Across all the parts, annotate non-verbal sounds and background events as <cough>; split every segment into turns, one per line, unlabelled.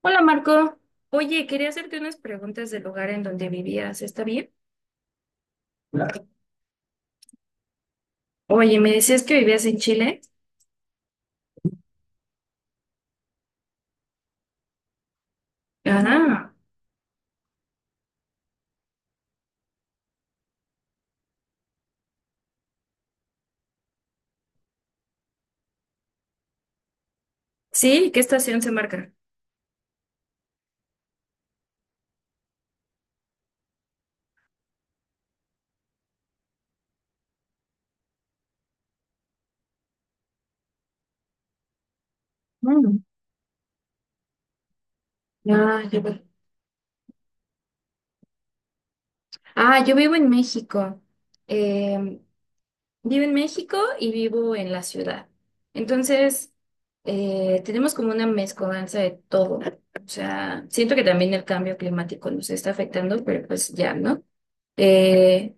Hola Marco, oye, quería hacerte unas preguntas del lugar en donde vivías, ¿está bien? Claro. Oye, me decías que vivías en Chile. Ah, sí, ¿qué estación se marca? Mm. Ah, yo, vi- ah, yo vivo en México. Em, Vivo en México y vivo en la ciudad. Entonces, tenemos como una mezcolanza de todo. O sea, siento que también el cambio climático nos está afectando, pero pues ya, ¿no? Eh,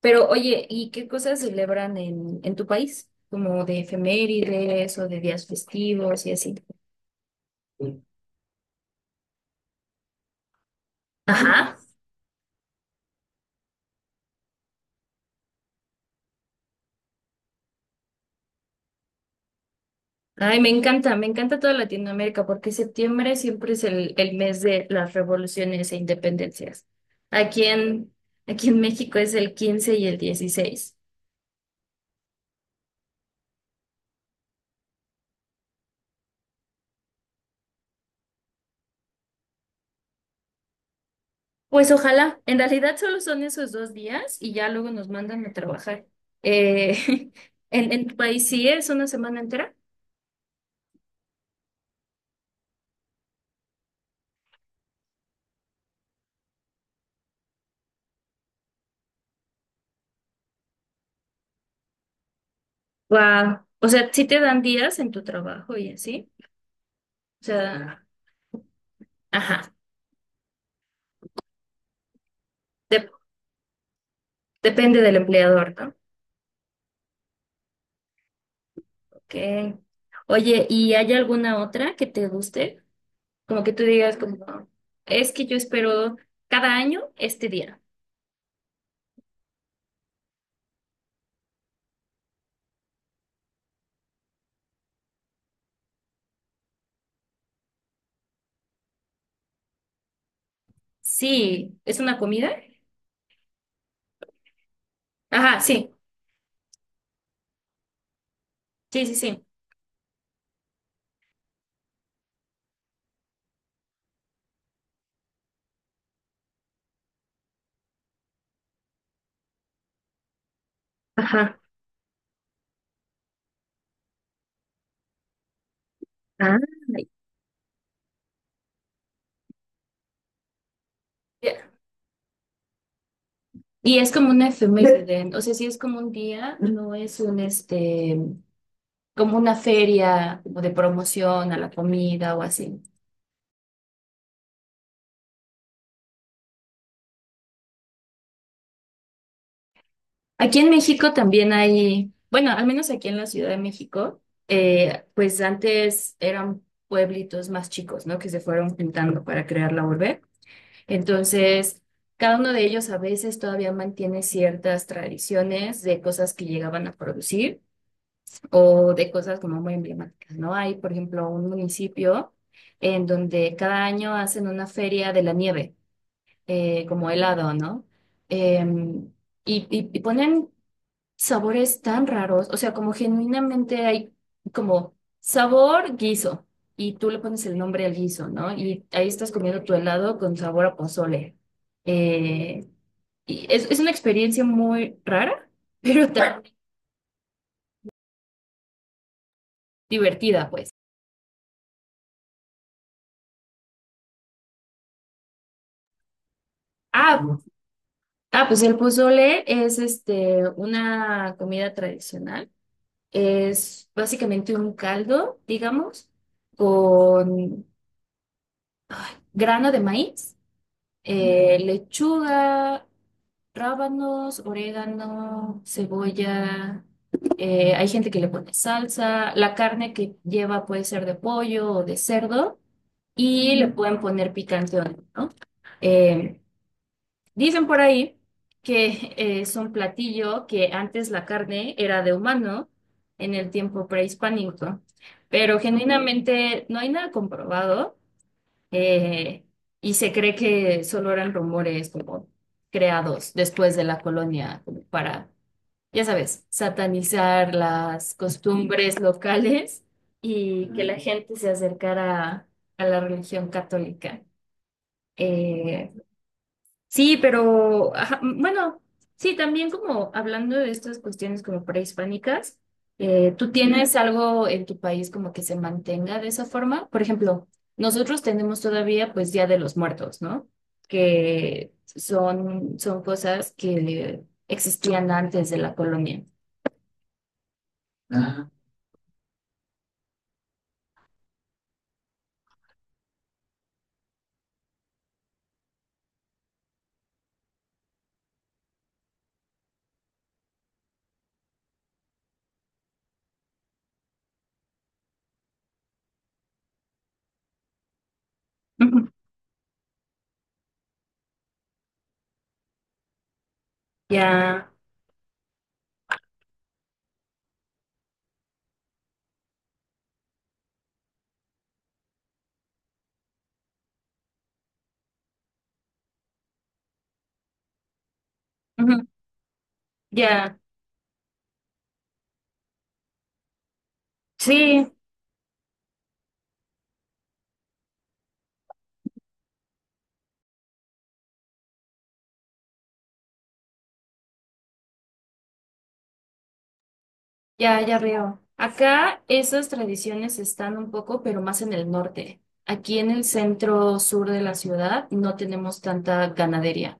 Pero oye, ¿y qué cosas celebran en tu país? Como de efemérides o de días festivos y así. Ajá. Ay, me encanta toda Latinoamérica porque septiembre siempre es el mes de las revoluciones e independencias. Aquí en, aquí en México es el 15 y el 16. Pues ojalá, en realidad solo son esos dos días y ya luego nos mandan a trabajar. Eh, <laughs> en tu país sí es una semana entera? Wow. O sea, sí te dan días en tu trabajo y así. O sea, ajá. Dep- depende del empleador, ¿no? Ok. Oye, ¿y hay alguna otra que te guste? Como que tú digas, como, es que yo espero cada año este día. Sí, ¿es una comida? Ajá, sí. Sí, sí, sí. Ajá. Ah, ya. Y es como una efeméride, ¿no? O sea, sí es como un día, no es un este, como una feria como de promoción a la comida o así. Aquí en México también hay, bueno, al menos aquí en la Ciudad de México, pues antes eran pueblitos más chicos, ¿no? Que se fueron juntando para crear la urbe. Entonces, cada uno de ellos a veces todavía mantiene ciertas tradiciones de cosas que llegaban a producir o de cosas como muy emblemáticas, ¿no? Hay, por ejemplo, un municipio en donde cada año hacen una feria de la nieve, como helado, ¿no? Em, y ponen sabores tan raros, o sea, como genuinamente hay como sabor guiso y tú le pones el nombre al guiso, ¿no? Y ahí estás comiendo tu helado con sabor a pozole. Eh, y es una experiencia muy rara, <laughs> pero tan divertida, pues. Ah, ah, pues el pozole es este, una comida tradicional. Es básicamente un caldo, digamos, con grano de maíz, lechuga, rábanos, orégano, cebolla. Hay gente que le pone salsa. La carne que lleva puede ser de pollo o de cerdo y le pueden poner picante o no, ¿no? Eh, dicen por ahí que es un platillo que antes la carne era de humano en el tiempo prehispánico, pero genuinamente no hay nada comprobado, eh, y se cree que solo eran rumores como creados después de la colonia como para, ya sabes, satanizar las costumbres locales y que la gente se acercara a la religión católica. Eh, Sí, pero ajá, bueno, sí, también como hablando de estas cuestiones como prehispánicas, ¿tú tienes algo en tu país como que se mantenga de esa forma? Por ejemplo, nosotros tenemos todavía pues Día de los Muertos, ¿no? Que son, son cosas que existían antes de la colonia. Ah. Ujú. Ya, ujú, ya, sí. Ya, ya veo. Acá esas tradiciones están un poco, pero más en el norte. Aquí en el centro sur de la ciudad no tenemos tanta ganadería.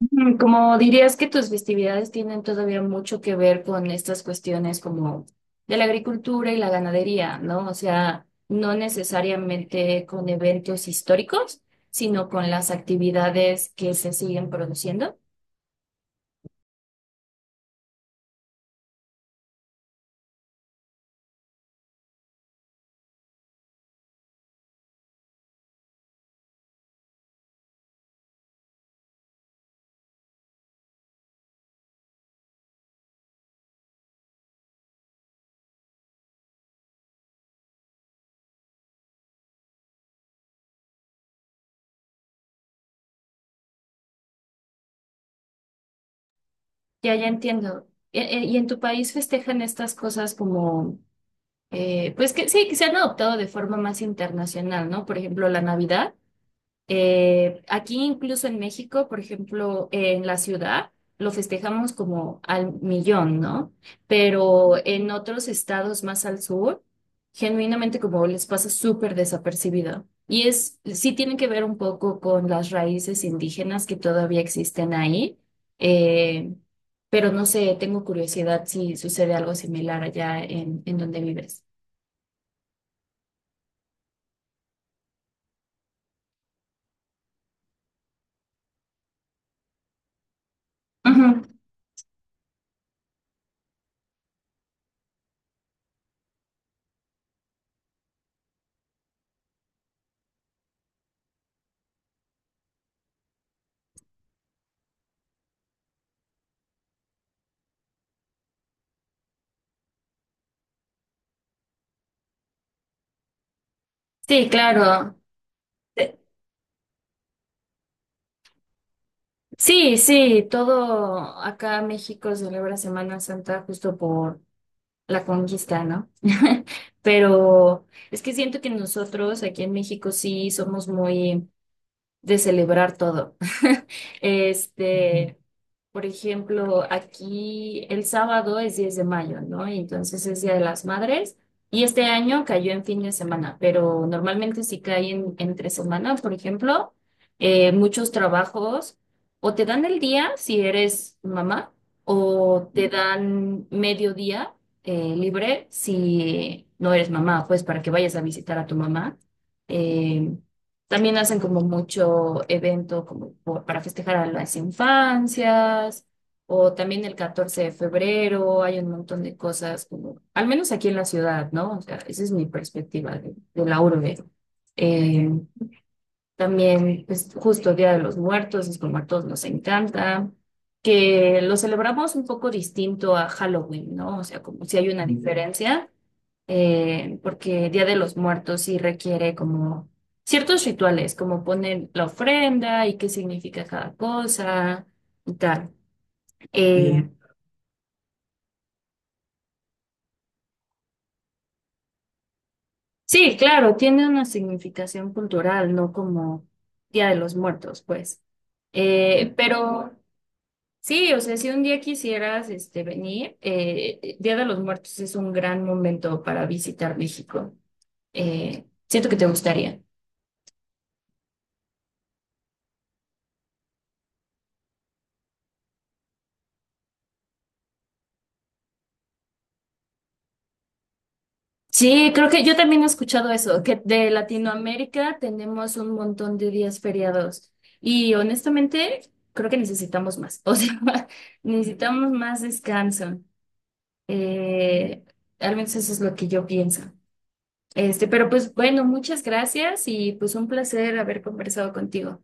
Mm. Como dirías que tus festividades tienen todavía mucho que ver con estas cuestiones como de la agricultura y la ganadería, ¿no? O sea, no necesariamente con eventos históricos, sino con las actividades que se siguen produciendo. Ya, ya entiendo. ¿Y en tu país festejan estas cosas como… pues que sí, que se han adoptado de forma más internacional, ¿no? Por ejemplo, la Navidad. Aquí incluso en México, por ejemplo, en la ciudad, lo festejamos como al millón, ¿no? Pero en otros estados más al sur, genuinamente como les pasa súper desapercibido. Y es, sí tiene que ver un poco con las raíces indígenas que todavía existen ahí. eh, pero no sé, tengo curiosidad si sucede algo similar allá en donde vives. Ujú. Sí, claro. Eh, sí, sí, todo acá en México celebra Semana Santa justo por la conquista, ¿no? <laughs> Pero es que siento que nosotros aquí en México sí somos muy de celebrar todo. <laughs> Este, por ejemplo, aquí el sábado es 10 de mayo, ¿no? Y entonces es Día de las Madres. Y este año cayó en fin de semana, pero normalmente si cae entre semana, por ejemplo, muchos trabajos o te dan el día si eres mamá o te dan medio día, libre si no eres mamá, pues para que vayas a visitar a tu mamá. Eh, también hacen como mucho evento como para festejar a las infancias, o también el 14 de febrero, hay un montón de cosas como, al menos aquí en la ciudad, ¿no? O sea, esa es mi perspectiva de la urbe. Eh, también, pues justo Día de los Muertos, es como a todos nos encanta, que lo celebramos un poco distinto a Halloween, ¿no? O sea, como si hay una diferencia, porque Día de los Muertos sí requiere como ciertos rituales, como poner la ofrenda y qué significa cada cosa y tal. Eh, Sí. Sí, claro, tiene una significación cultural, no como Día de los Muertos, pues. Pero sí, o sea, si un día quisieras este, venir, Día de los Muertos es un gran momento para visitar México. Siento que te gustaría. Sí, creo que yo también he escuchado eso, que de Latinoamérica tenemos un montón de días feriados y honestamente creo que necesitamos más, <laughs> o sea, necesitamos más descanso. Eh, al menos eso es lo que yo pienso. Este, pero pues bueno, muchas gracias y pues un placer haber conversado contigo.